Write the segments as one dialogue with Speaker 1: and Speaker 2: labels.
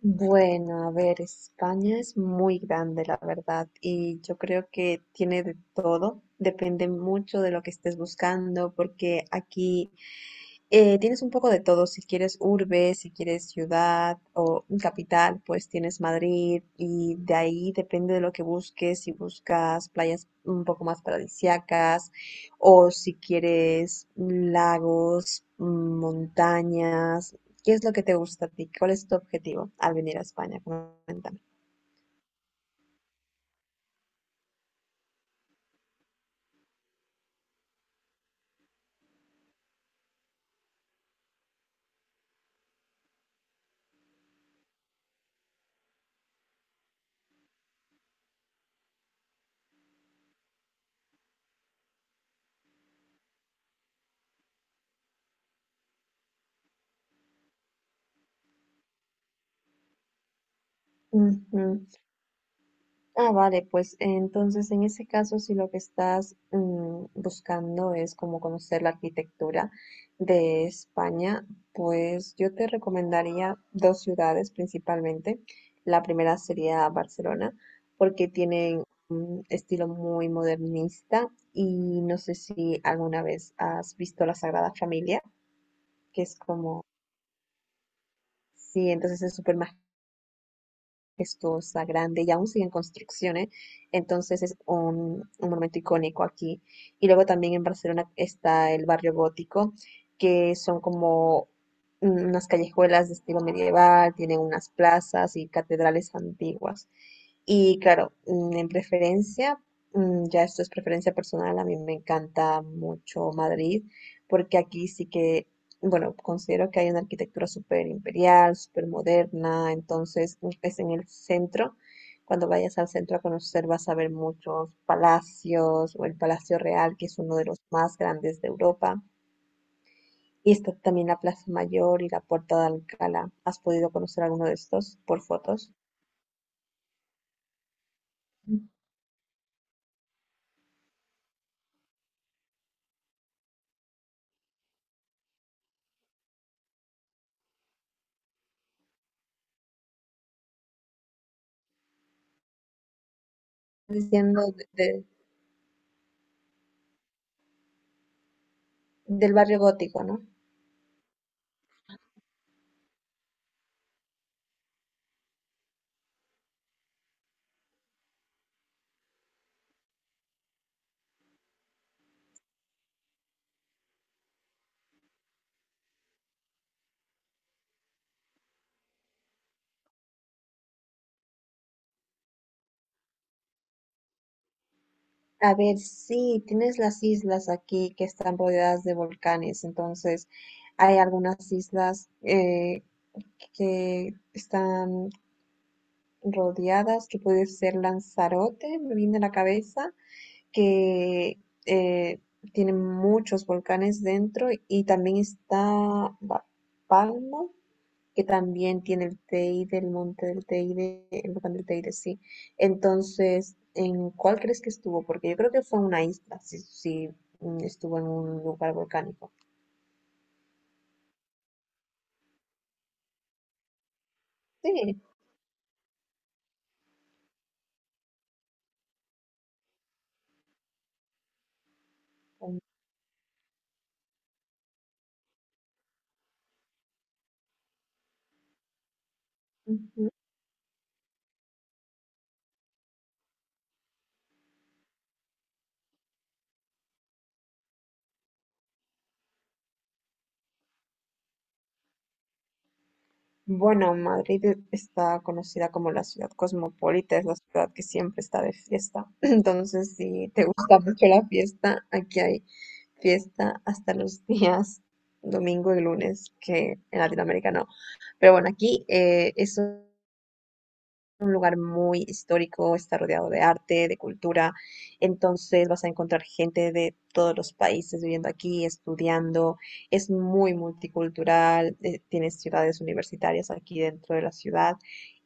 Speaker 1: Bueno, a ver, España es muy grande, la verdad, y yo creo que tiene de todo. Depende mucho de lo que estés buscando, porque aquí tienes un poco de todo, si quieres urbe, si quieres ciudad o capital, pues tienes Madrid, y de ahí depende de lo que busques, si buscas playas un poco más paradisíacas o si quieres lagos, montañas. ¿Qué es lo que te gusta a ti? ¿Cuál es tu objetivo al venir a España? Coméntame. Ujú. Ah, vale, pues entonces en ese caso, si lo que estás buscando es como conocer la arquitectura de España, pues yo te recomendaría dos ciudades principalmente. La primera sería Barcelona, porque tienen un estilo muy modernista. Y no sé si alguna vez has visto la Sagrada Familia, que es como, sí, entonces es súper majestuosa, grande y aún sigue en construcción, ¿eh? Entonces es un monumento icónico aquí. Y luego también en Barcelona está el barrio gótico, que son como unas callejuelas de estilo medieval, tienen unas plazas y catedrales antiguas. Y claro, en preferencia, ya esto es preferencia personal, a mí me encanta mucho Madrid, porque aquí sí que bueno, considero que hay una arquitectura súper imperial, súper moderna, entonces es en el centro. Cuando vayas al centro a conocer vas a ver muchos palacios o el Palacio Real, que es uno de los más grandes de Europa. Y está también la Plaza Mayor y la Puerta de Alcalá. ¿Has podido conocer alguno de estos por fotos? Diciendo del barrio gótico, ¿no? A ver, sí, tienes las islas aquí que están rodeadas de volcanes, entonces hay algunas islas que están rodeadas, que puede ser Lanzarote, me viene a la cabeza, que eh, tiene muchos volcanes dentro, y también está La Palma, que también tiene el Teide, el monte del Teide, el volcán del Teide, sí. Entonces, ¿en cuál crees que estuvo? Porque yo creo que fue en una isla, si estuvo en un lugar volcánico. Sí. Ujú. Bueno, Madrid está conocida como la ciudad cosmopolita, es la ciudad que siempre está de fiesta. Entonces, si te gusta mucho la fiesta, aquí hay fiesta hasta los días domingo y lunes, que en Latinoamérica no. Pero bueno, aquí eso un lugar muy histórico, está rodeado de arte, de cultura, entonces vas a encontrar gente de todos los países viviendo aquí, estudiando, es muy multicultural. Eh, tienes ciudades universitarias aquí dentro de la ciudad,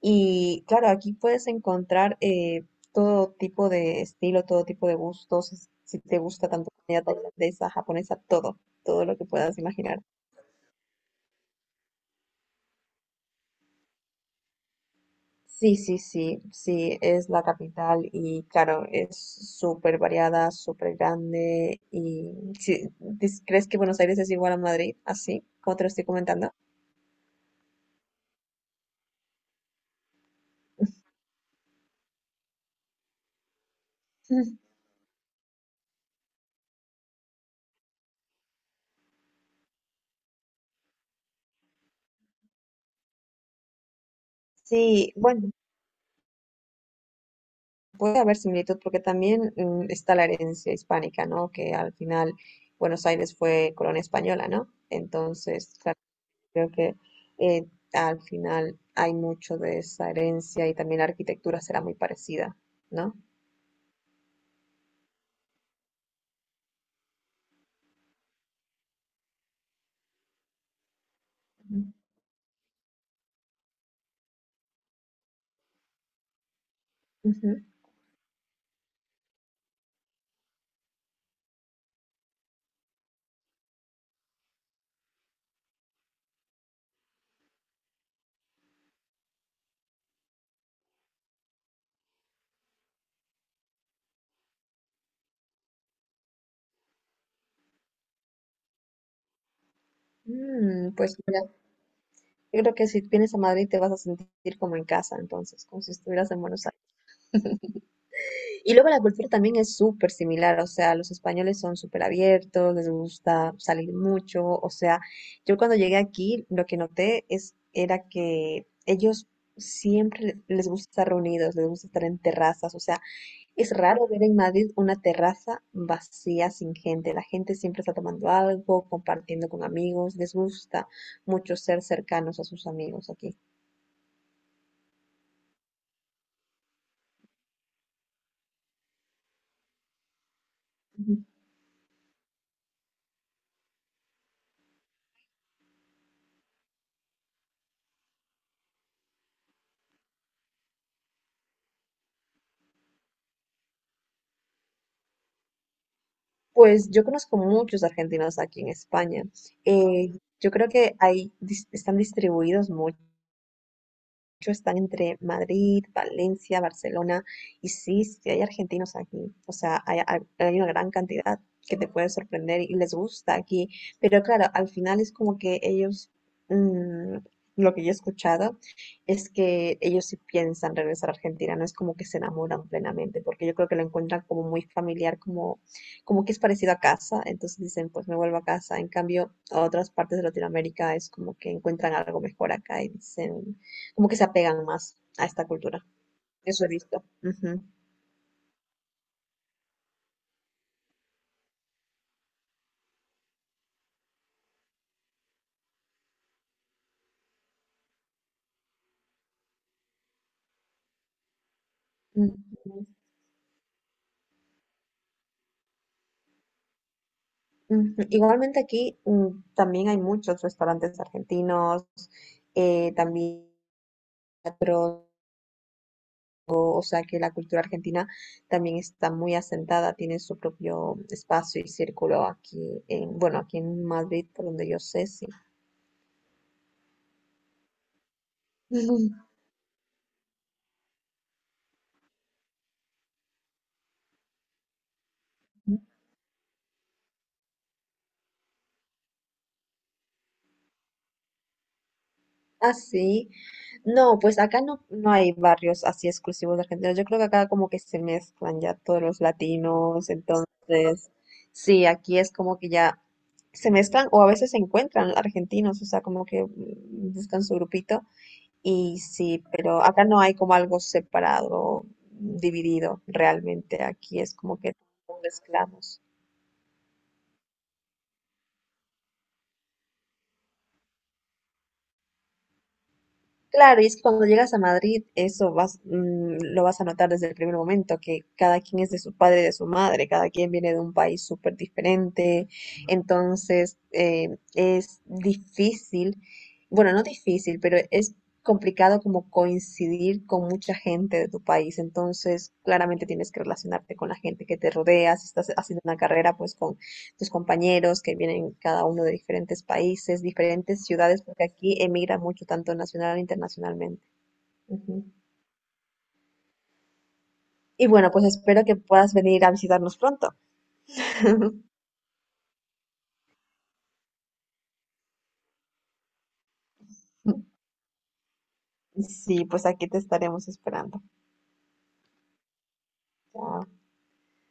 Speaker 1: y claro, aquí puedes encontrar todo tipo de estilo, todo tipo de gustos, si te gusta tanto comida tailandesa, japonesa, todo, todo lo que puedas imaginar. Sí, sí, sí, sí, es la capital, y claro, es súper variada, súper grande y sí, ¿crees que Buenos Aires es igual a Madrid? Así, como te lo estoy comentando. Sí, bueno, puede haber similitud porque también está la herencia hispánica, ¿no? Que al final Buenos Aires fue colonia española, ¿no? Entonces, claro, creo que eh, al final hay mucho de esa herencia, y también la arquitectura será muy parecida, ¿no? Ujú. Mm, pues mira, yo creo que si vienes a Madrid te vas a sentir como en casa, entonces, como si estuvieras en Buenos Aires. Y luego la cultura también es súper similar, o sea, los españoles son súper abiertos, les gusta salir mucho, o sea, yo cuando llegué aquí lo que noté es, era que ellos siempre les gusta estar reunidos, les gusta estar en terrazas, o sea, es raro ver en Madrid una terraza vacía sin gente. La gente siempre está tomando algo, compartiendo con amigos. Les gusta mucho ser cercanos a sus amigos aquí. Ujú. Pues yo conozco muchos argentinos aquí en España. Yo creo que ahí están distribuidos hecho, están entre Madrid, Valencia, Barcelona, y sí, sí hay argentinos aquí, o sea, hay una gran cantidad que te puede sorprender y les gusta aquí, pero claro, al final es como que ellos, mm, lo que yo he escuchado es que ellos sí piensan regresar a Argentina, no es como que se enamoran plenamente, porque yo creo que lo encuentran como muy familiar, como, como que es parecido a casa, entonces dicen, pues me vuelvo a casa, en cambio, a otras partes de Latinoamérica es como que encuentran algo mejor acá y dicen, como que se apegan más a esta cultura. Eso he visto. Ujú, ujú, ujú. Igualmente aquí también hay muchos restaurantes argentinos, también teatro, o sea que la cultura argentina también está muy asentada, tiene su propio espacio y círculo aquí en, bueno, aquí en Madrid, por donde yo sé, sí. Así, no, pues acá no, no hay barrios así exclusivos de argentinos. Yo creo que acá como que se mezclan ya todos los latinos, entonces, sí, aquí es como que ya se mezclan o a veces se encuentran argentinos, o sea, como que buscan su grupito y sí, pero acá no hay como algo separado, dividido realmente. Aquí es como que todos mezclamos. Claro, y es que cuando llegas a Madrid, eso vas, lo vas a notar desde el primer momento, que cada quien es de su padre y de su madre, cada quien viene de un país súper diferente, entonces es difícil, bueno, no difícil, pero es complicado como coincidir con mucha gente de tu país, entonces claramente tienes que relacionarte con la gente que te rodea, si estás haciendo una carrera, pues con tus compañeros que vienen cada uno de diferentes países, diferentes ciudades, porque aquí emigra mucho, tanto nacional e internacionalmente. Ujú. Y bueno, pues espero que puedas venir a visitarnos pronto. Sí, pues aquí te estaremos esperando. Chao.